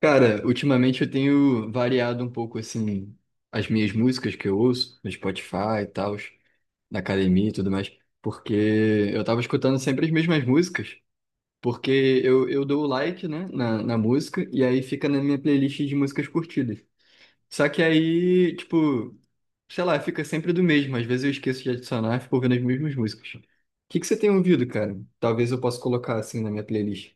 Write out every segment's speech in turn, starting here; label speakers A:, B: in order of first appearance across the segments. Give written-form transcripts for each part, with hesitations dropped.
A: Cara, ultimamente eu tenho variado um pouco assim as minhas músicas que eu ouço no Spotify e tal, na academia e tudo mais, porque eu tava escutando sempre as mesmas músicas, porque eu dou o like, né, na música e aí fica na minha playlist de músicas curtidas. Só que aí, tipo, sei lá, fica sempre do mesmo, às vezes eu esqueço de adicionar e fico ouvindo as mesmas músicas. O que que você tem ouvido, cara? Talvez eu possa colocar assim na minha playlist.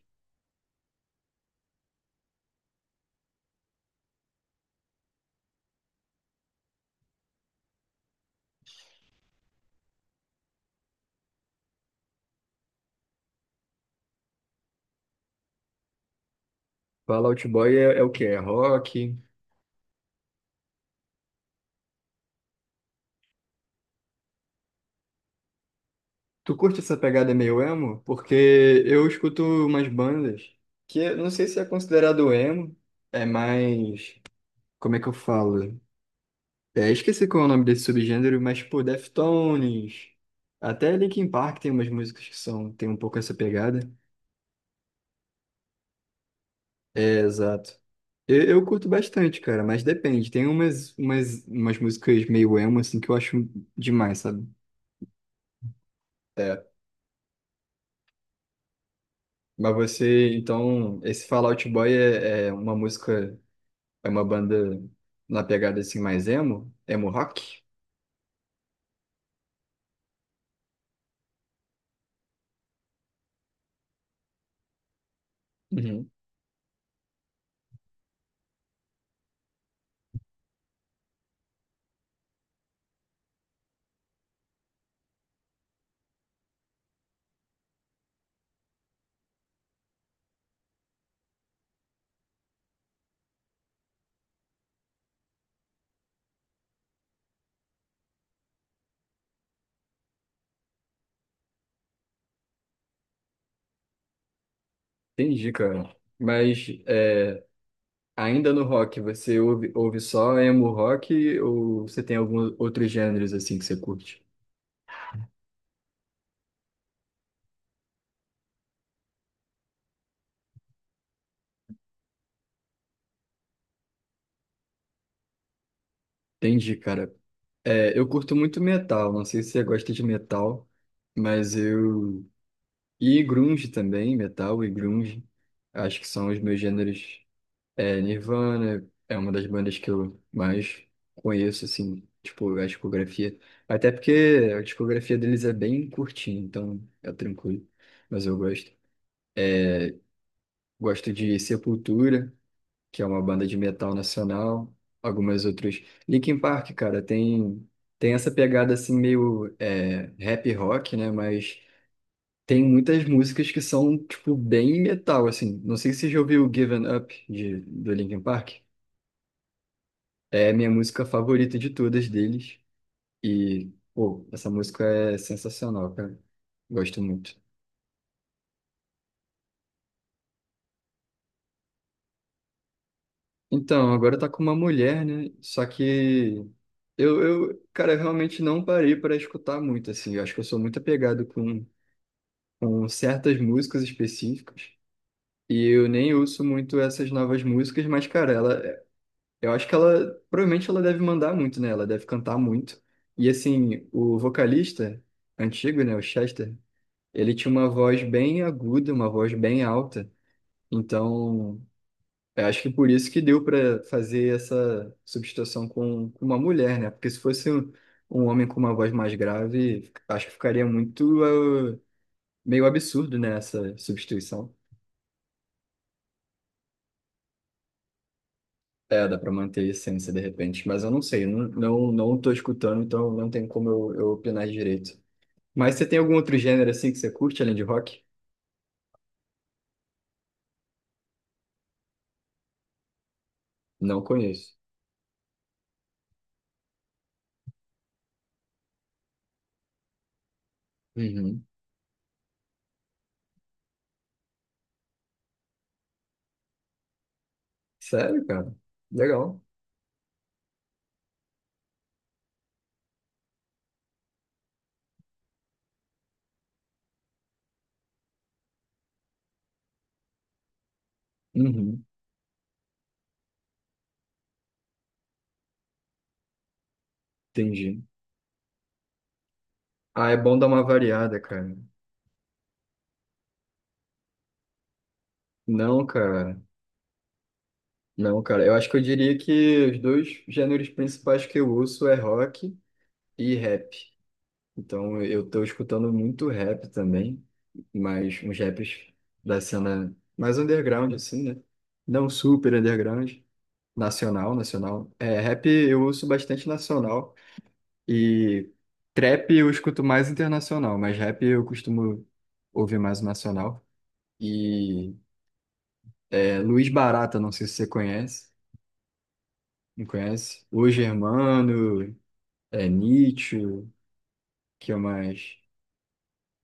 A: Fall Out Boy é, é o quê? É rock? Tu curte essa pegada meio emo? Porque eu escuto umas bandas que eu não sei se é considerado emo, é mais. Como é que eu falo? É, esqueci qual é o nome desse subgênero, mas, pô, Deftones. Até Linkin Park tem umas músicas que são, tem um pouco essa pegada. É, exato. Eu curto bastante, cara, mas depende. Tem umas músicas meio emo, assim, que eu acho demais, sabe? É. Mas você, então, esse Fall Out Boy é uma música. É uma banda na pegada assim mais emo, emo rock. Uhum. Entendi, cara. Mas é, ainda no rock, você ouve só emo rock ou você tem alguns outros gêneros assim que você curte? Entendi, cara. É, eu curto muito metal, não sei se você gosta de metal, mas eu... E grunge também, metal e grunge, acho que são os meus gêneros. É, Nirvana é uma das bandas que eu mais conheço, assim, tipo, a discografia. Até porque a discografia deles é bem curtinha, então é tranquilo. Mas eu gosto. Gosto de Sepultura, que é uma banda de metal nacional. Algumas outras. Linkin Park, cara, tem, tem essa pegada, assim, meio é, rap rock, né? Mas tem muitas músicas que são, tipo, bem metal, assim. Não sei se você já ouviu Given Up, de, do Linkin Park. É a minha música favorita de todas deles. E, pô, essa música é sensacional, cara. Gosto muito. Então, agora tá com uma mulher, né? Só que eu, cara, eu realmente não parei para escutar muito, assim. Eu acho que eu sou muito apegado com certas músicas específicas. E eu nem ouço muito essas novas músicas, mas, cara, ela, eu acho que ela, provavelmente ela deve mandar muito, né? Ela deve cantar muito. E, assim, o vocalista antigo, né? O Chester. Ele tinha uma voz bem aguda, uma voz bem alta. Então, eu acho que por isso que deu para fazer essa substituição com uma mulher, né? Porque se fosse um, um homem com uma voz mais grave, acho que ficaria muito, meio absurdo, né, essa substituição. É, dá para manter a essência de repente, mas eu não sei, eu não, não, não tô escutando, então não tem como eu opinar direito. Mas você tem algum outro gênero assim que você curte além de rock? Não conheço. Uhum. Sério, cara? Legal. Uhum. Entendi. Ah, é bom dar uma variada, cara. Não, cara. Não, cara. Eu acho que eu diria que os dois gêneros principais que eu uso é rock e rap. Então eu tô escutando muito rap também, mas uns raps da cena mais underground, assim, né? Não super underground. Nacional, nacional. É, rap eu uso bastante nacional. E trap eu escuto mais internacional, mas rap eu costumo ouvir mais o nacional. E É, Luiz Barata, não sei se você conhece. Não conhece? O Germano, é, Nietzsche, que é mais?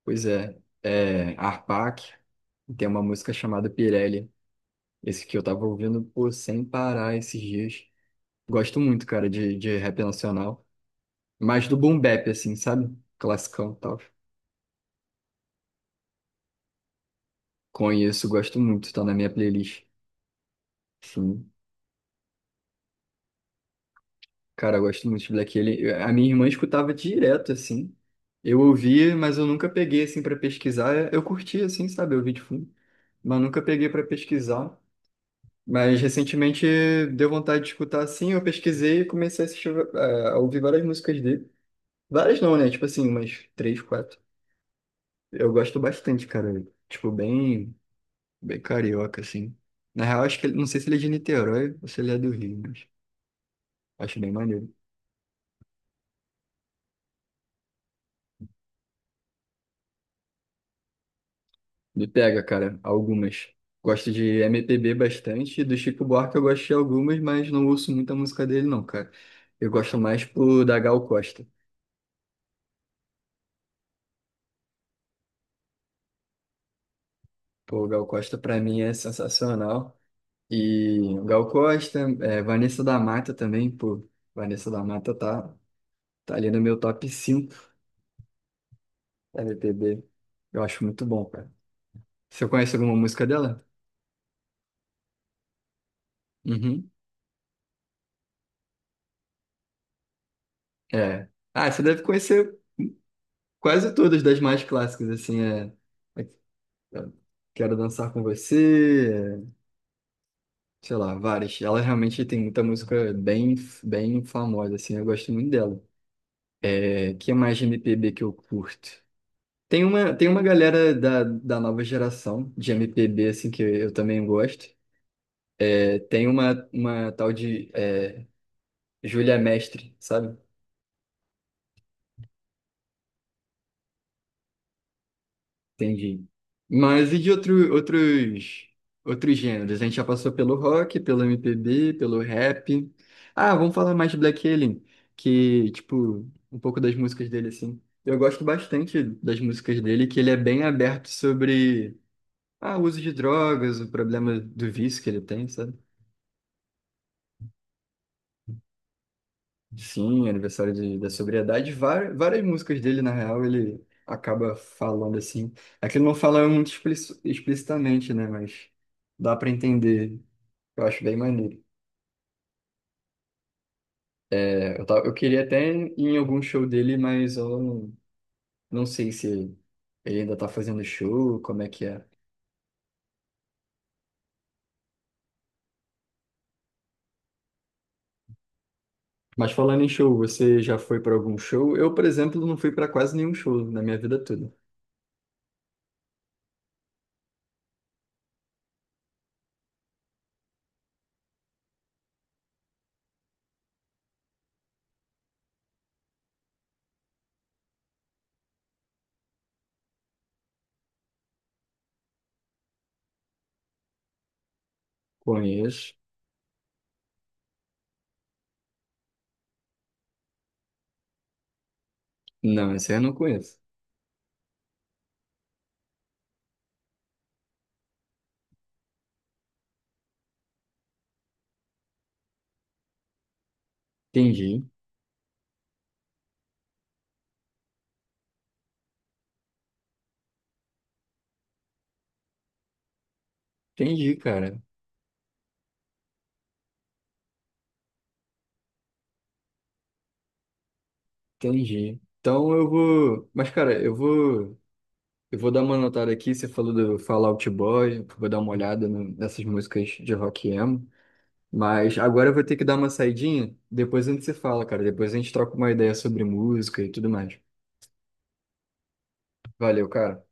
A: Pois é, é Arpac. Tem uma música chamada Pirelli. Esse que eu tava ouvindo, pô, sem parar esses dias. Gosto muito, cara, de rap nacional. Mais do boom bap, assim, sabe? Classicão e tal. Conheço, gosto muito, tá na minha playlist. Sim. Cara, eu gosto muito de Black Alien. Eu- a minha irmã escutava direto, assim. Eu ouvia, mas eu nunca peguei, assim, pra pesquisar. Eu curti, assim, sabe? Eu ouvi de fundo. Mas nunca peguei pra pesquisar. Mas recentemente deu vontade de escutar, assim. Eu pesquisei e comecei a assistir, a ouvir várias músicas dele. Várias não, né? Tipo assim, umas três, quatro. Eu gosto bastante, cara. Tipo, bem, bem carioca, assim. Na real, acho que ele, não sei se ele é de Niterói ou se ele é do Rio, mas acho bem maneiro. Me pega, cara, algumas. Gosto de MPB bastante, do Chico Buarque eu gosto de algumas, mas não ouço muita música dele não, cara. Eu gosto mais pro da Gal Costa. Pô, Gal Costa pra mim é sensacional. E Gal Costa, é, Vanessa da Mata também, pô. Vanessa da Mata tá ali no meu top 5 MPB. Eu acho muito bom, cara. Você conhece alguma música dela? Uhum. É. Ah, você deve conhecer quase todas das mais clássicas, assim, é. É Quero dançar com você, sei lá, várias. Ela realmente tem muita música bem, bem famosa, assim, eu gosto muito dela. É, que é mais de MPB que eu curto? Tem uma galera da, da nova geração de MPB, assim, que eu também gosto. É, tem uma tal de é, Júlia Mestre, sabe? Entendi. Mas e de outro, outros, outros gêneros? A gente já passou pelo rock, pelo MPB, pelo rap. Ah, vamos falar mais de Black Alien, que, tipo, um pouco das músicas dele, assim. Eu gosto bastante das músicas dele, que ele é bem aberto sobre ah, o uso de drogas, o problema do vício que ele tem, sabe? Sim, aniversário de- da sobriedade. Várias, várias músicas dele, na real, ele acaba falando assim. É que ele não fala muito explici- explicitamente, né? Mas dá pra entender. Eu acho bem maneiro. É, eu, tava, eu queria até ir em algum show dele, mas eu não, não sei se ele ainda tá fazendo show, como é que é. Mas falando em show, você já foi pra algum show? Eu, por exemplo, não fui pra quase nenhum show na minha vida toda. Conheço? Não, esse aí eu não conheço. Entendi. Entendi, cara. Entendi. Então eu vou. Mas, cara, eu vou. Eu vou dar uma notada aqui. Você falou do Fallout Boy. Eu vou dar uma olhada no- nessas músicas de rock emo. Mas agora eu vou ter que dar uma saidinha. Depois a gente se fala, cara. Depois a gente troca uma ideia sobre música e tudo mais. Valeu, cara.